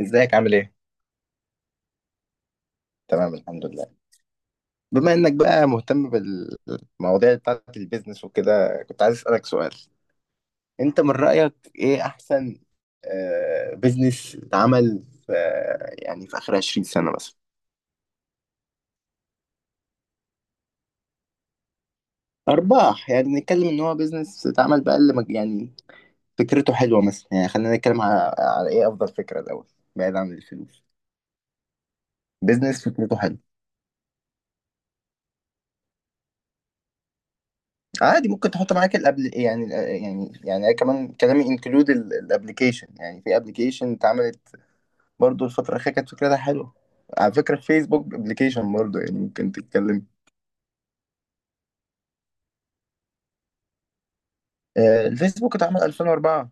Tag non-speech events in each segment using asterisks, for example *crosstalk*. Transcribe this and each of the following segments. ازيك عامل ايه؟ تمام الحمد لله. بما انك بقى مهتم بالمواضيع بتاعت البيزنس وكده كنت عايز اسألك سؤال. انت من رأيك ايه احسن بيزنس اتعمل في، يعني في اخر 20 سنة مثلا؟ ارباح، يعني نتكلم ان هو بيزنس اتعمل بقى اللي يعني فكرته حلوة مثلا. يعني خلينا نتكلم على ايه افضل فكرة الاول، بعيد عن الفلوس. بيزنس فكرته حلوه عادي. ممكن تحط معاك الابل، يعني أنا كمان كلامي انكلود الابلكيشن. يعني في ابلكيشن اتعملت برضو الفترة الأخيرة كانت فكرتها حلوة. على فكرة، فيسبوك ابلكيشن برضو يعني ممكن تتكلم. الفيسبوك اتعمل 2004.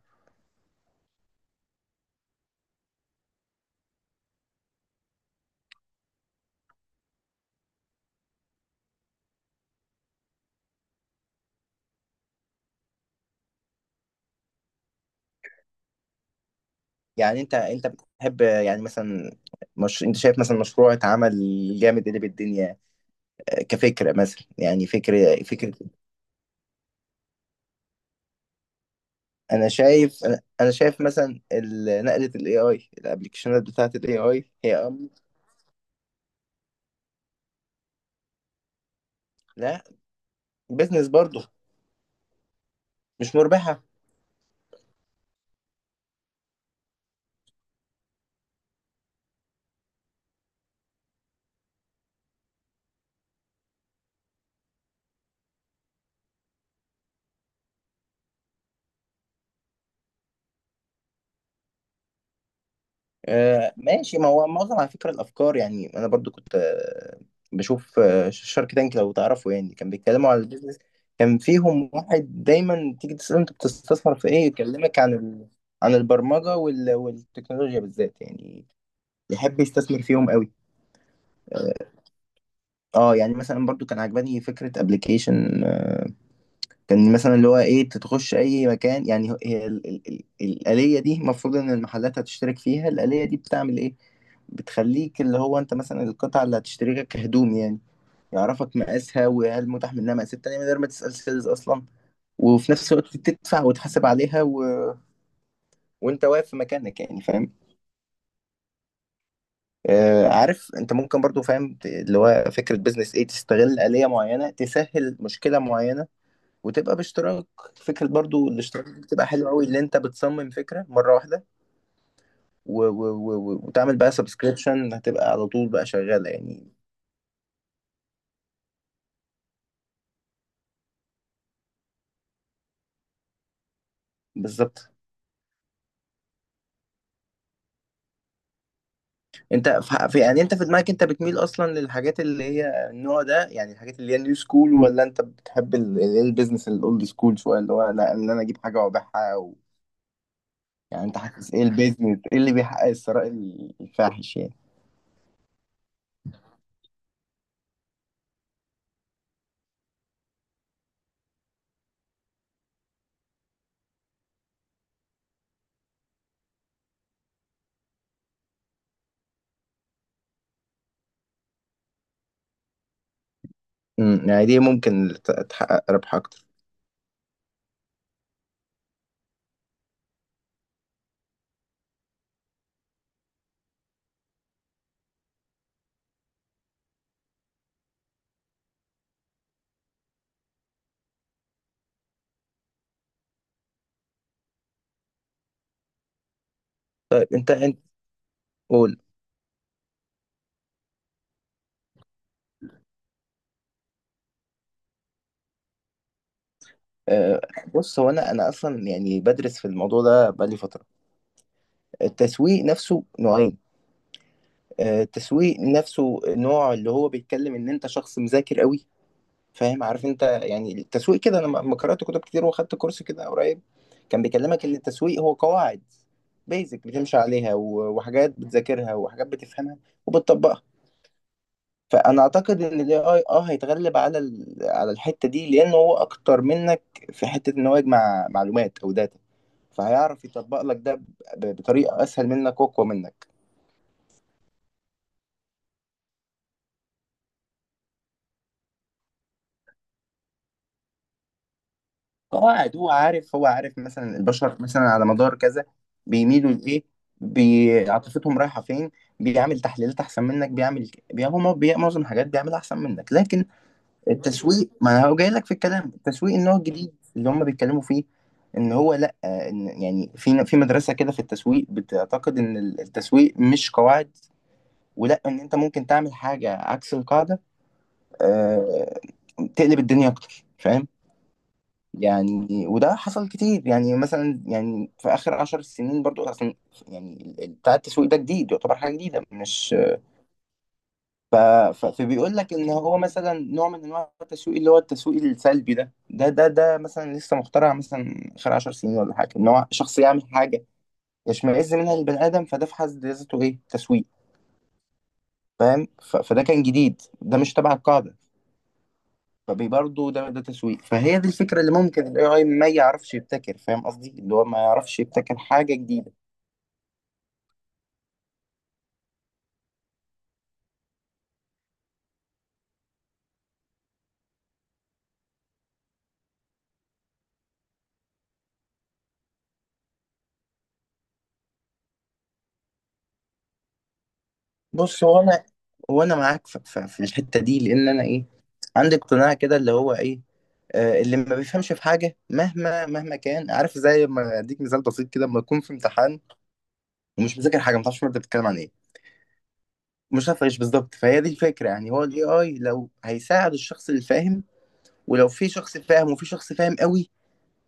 يعني انت بتحب يعني مثلا، مش انت شايف مثلا مشروع اتعمل جامد اللي بالدنيا كفكرة، مثلا يعني فكرة فكرة. انا شايف انا أنا شايف مثلا نقلة الاي اي، الابلكيشنات بتاعت الاي اي هي. لا، بيزنس برضو مش مربحة. ماشي. ما هو معظم، على فكرة، الأفكار يعني أنا برضو كنت بشوف شارك تانك. لو تعرفوا، يعني كان بيتكلموا على البيزنس، كان فيهم واحد دايما تيجي تسأله أنت بتستثمر في إيه يكلمك عن عن البرمجة والتكنولوجيا بالذات يعني، يحب يستثمر فيهم قوي. اه. يعني مثلا برضو كان عجباني فكرة ابلكيشن، كان مثلا اللي هو ايه، تتخش اي مكان. يعني هي الآلية دي المفروض ان المحلات هتشترك فيها. الآلية دي بتعمل ايه؟ بتخليك، اللي هو انت مثلا القطعة اللي هتشتريها كهدوم يعني، يعرفك مقاسها وهل متاح منها مقاسات تانية من غير ما تسأل سيلز أصلا. وفي نفس الوقت تدفع وتحاسب عليها وأنت واقف في مكانك يعني، فاهم. آه، عارف أنت، ممكن برضو فاهم، اللي هو فكرة بيزنس إيه؟ تستغل آلية معينة تسهل مشكلة معينة وتبقى باشتراك. فكرة برضو الاشتراك دي بتبقى حلوة قوي، اللي انت بتصمم فكرة مرة واحدة و وتعمل بقى سبسكريبشن هتبقى على طول بقى شغالة يعني. بالظبط. انت في يعني انت في دماغك انت بتميل اصلا للحاجات اللي هي النوع ده، يعني الحاجات اللي هي نيو سكول، ولا انت بتحب البيزنس الاولد سكول شوية، اللي هو لا، ان انا اجيب حاجة وابيعها يعني انت حاسس ايه البيزنس ايه اللي بيحقق الثراء الفاحش يعني؟ يعني دي ممكن تحقق ربح اكتر. طيب انت قول. آه، بص، هو انا اصلا يعني بدرس في الموضوع ده بقالي فتره. التسويق نفسه نوعين. التسويق نفسه نوع اللي هو بيتكلم ان انت شخص مذاكر قوي، فاهم عارف انت. يعني التسويق كده، انا لما قرات كتب كتير واخدت كورس كده قريب، كان بيكلمك ان التسويق هو قواعد بيزك بتمشي عليها وحاجات بتذاكرها وحاجات بتفهمها وبتطبقها. فانا اعتقد ان الاي اي هيتغلب على على الحته دي، لان هو اكتر منك في حته ان هو يجمع معلومات او داتا. فهيعرف يطبق لك ده بطريقه اسهل منك واقوى منك. هو قاعد، هو عارف، مثلا البشر مثلا على مدار كذا بيميلوا لايه، عاطفتهم رايحه فين. بيعمل تحليلات احسن منك، بيعمل بي... هو مو- بي... معظم الحاجات بيعملها احسن منك. لكن التسويق، ما هو جاي لك في الكلام، التسويق النوع الجديد اللي هم بيتكلموا فيه، ان هو لا، ان يعني في مدرسه كده في التسويق بتعتقد ان التسويق مش قواعد، ولا ان انت ممكن تعمل حاجه عكس القاعده. آه، تقلب الدنيا اكتر، فاهم؟ يعني وده حصل كتير يعني، مثلا يعني في اخر 10 سنين برضو اصلا، يعني بتاع التسويق ده جديد، يعتبر حاجه جديده، مش... ف... فبيقول لك ان هو مثلا نوع من انواع التسويق، اللي هو التسويق السلبي ده مثلا لسه مخترع مثلا خلال 10 سنين ولا حاجه، ان هو شخص يعمل حاجه يشمئز منها البني ادم، فده في حد ذاته ايه؟ تسويق. فاهم؟ فده كان جديد، ده مش تبع القاعده، فبرضه ده تسويق. فهي دي الفكره اللي ممكن الاي اي ما يعرفش يبتكر. فاهم قصدي؟ اللي هو ما يعرفش يبتكر حاجه جديده. بص، هو انا معاك في، في الحته دي، لان انا ايه؟ عندي اقتناع كده اللي هو ايه؟ اللي ما بيفهمش في حاجه مهما مهما كان، عارف؟ زي ما اديك مثال بسيط كده، لما يكون في امتحان ومش مذاكر حاجه، ما تعرفش الماده بتتكلم عن ايه، مش عارف ايش بالظبط. فهي دي الفكره. يعني هو الاي اي لو هيساعد الشخص اللي فاهم، ولو في شخص فاهم وفي شخص فاهم قوي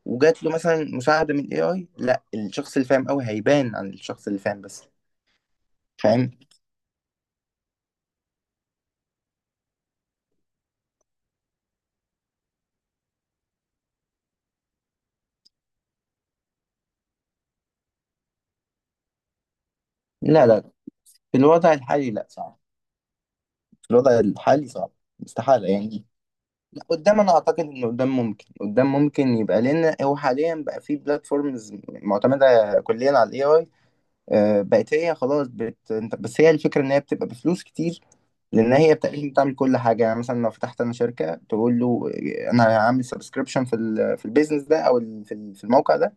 وجات له مثلا مساعده من الاي اي، لا، الشخص اللي فاهم قوي هيبان عن الشخص اللي فاهم بس، فاهم؟ لا لا، في الوضع الحالي لا، صعب. الوضع الحالي صعب، استحالة يعني. لا، قدام أنا أعتقد إن قدام ممكن، قدام ممكن يبقى، لأن هو حاليا بقى في بلاتفورمز معتمدة كليا على ال AI. بقت هي خلاص بس هي الفكرة إن هي بتبقى بفلوس كتير، لأن هي تقريبا بتعمل كل حاجة. يعني مثلا لو فتحت أنا شركة تقول له أنا هعمل سبسكريبشن في في البيزنس ده، أو في الموقع ده،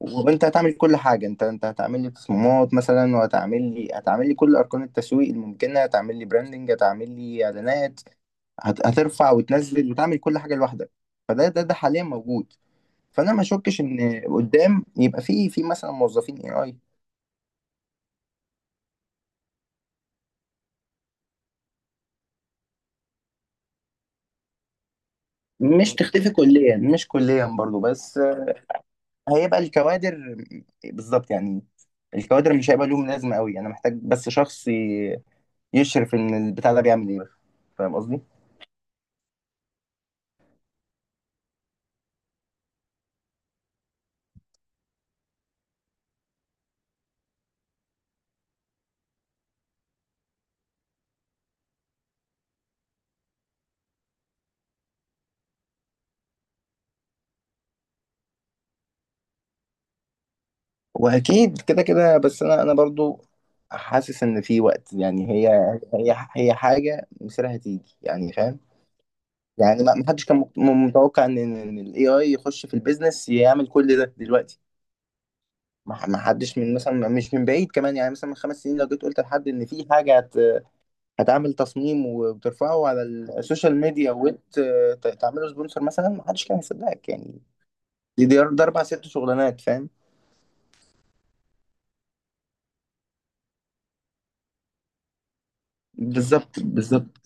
وأنت هتعمل كل حاجة. أنت هتعمل لي تصميمات مثلا، وهتعمل لي هتعمل لي كل أركان التسويق الممكنة، هتعمل لي براندنج، هتعمل لي إعلانات، هترفع وتنزل وتعمل كل حاجه لوحدك. فده ده حاليا موجود. فانا ما اشكش ان قدام يبقى في مثلا موظفين اي اي. مش تختفي كليا، مش كليا برضو، بس هيبقى الكوادر. بالظبط يعني. الكوادر مش هيبقى لهم لازمه قوي، انا محتاج بس شخص يشرف ان البتاع ده بيعمل ايه. فاهم قصدي؟ واكيد كده كده. بس انا برضو حاسس ان في وقت، يعني هي، هي حاجه مصيرها هتيجي يعني، فاهم؟ يعني ما حدش كان متوقع ان الاي اي يخش في البيزنس يعمل كل ده دلوقتي. ما حدش من مثلا، مش من بعيد كمان، يعني مثلا من 5 سنين لو جيت قلت لحد ان في حاجه هتعمل تصميم وترفعه على السوشيال ميديا وتعمله سبونسر مثلا، ما حدش كان هيصدقك يعني. دي دي ده اربع ست شغلانات، فاهم؟ بالظبط بالظبط.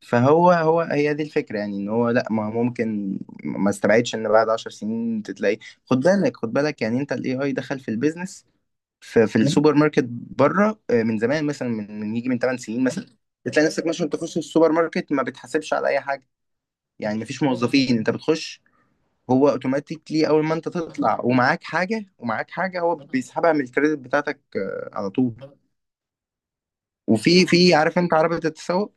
فهو هو هي دي الفكره، يعني ان هو لا، ما هو ممكن، ما استبعدش ان بعد 10 سنين تلاقي. خد بالك خد بالك، يعني انت الاي اي دخل في البيزنس، في السوبر ماركت بره من زمان، مثلا من يجي من 8 سنين مثلا، بتلاقي نفسك مثلا تخش السوبر ماركت، ما بتحاسبش على اي حاجه. يعني مفيش موظفين، انت بتخش، هو اوتوماتيكلي اول ما انت تطلع ومعاك حاجه ومعاك حاجه هو بيسحبها من الكريدت بتاعتك على طول. وفي عارف انت عربيه التسوق؟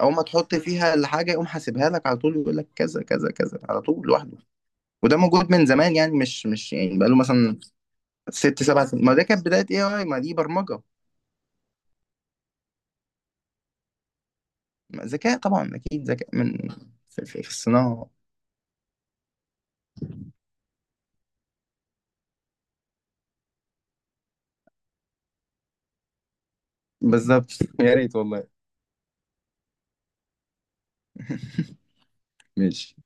اول ما تحط فيها الحاجه يقوم حاسبها لك على طول، يقول لك كذا كذا كذا على طول لوحده. وده موجود من زمان يعني، مش يعني بقاله مثلا ست سبع سنين. ما ده كانت بدايه اي اي، ما دي برمجه، ذكاء. طبعا اكيد ذكاء من، في، في الصناعه. بالظبط *laughs* يا ريت والله. ماشي.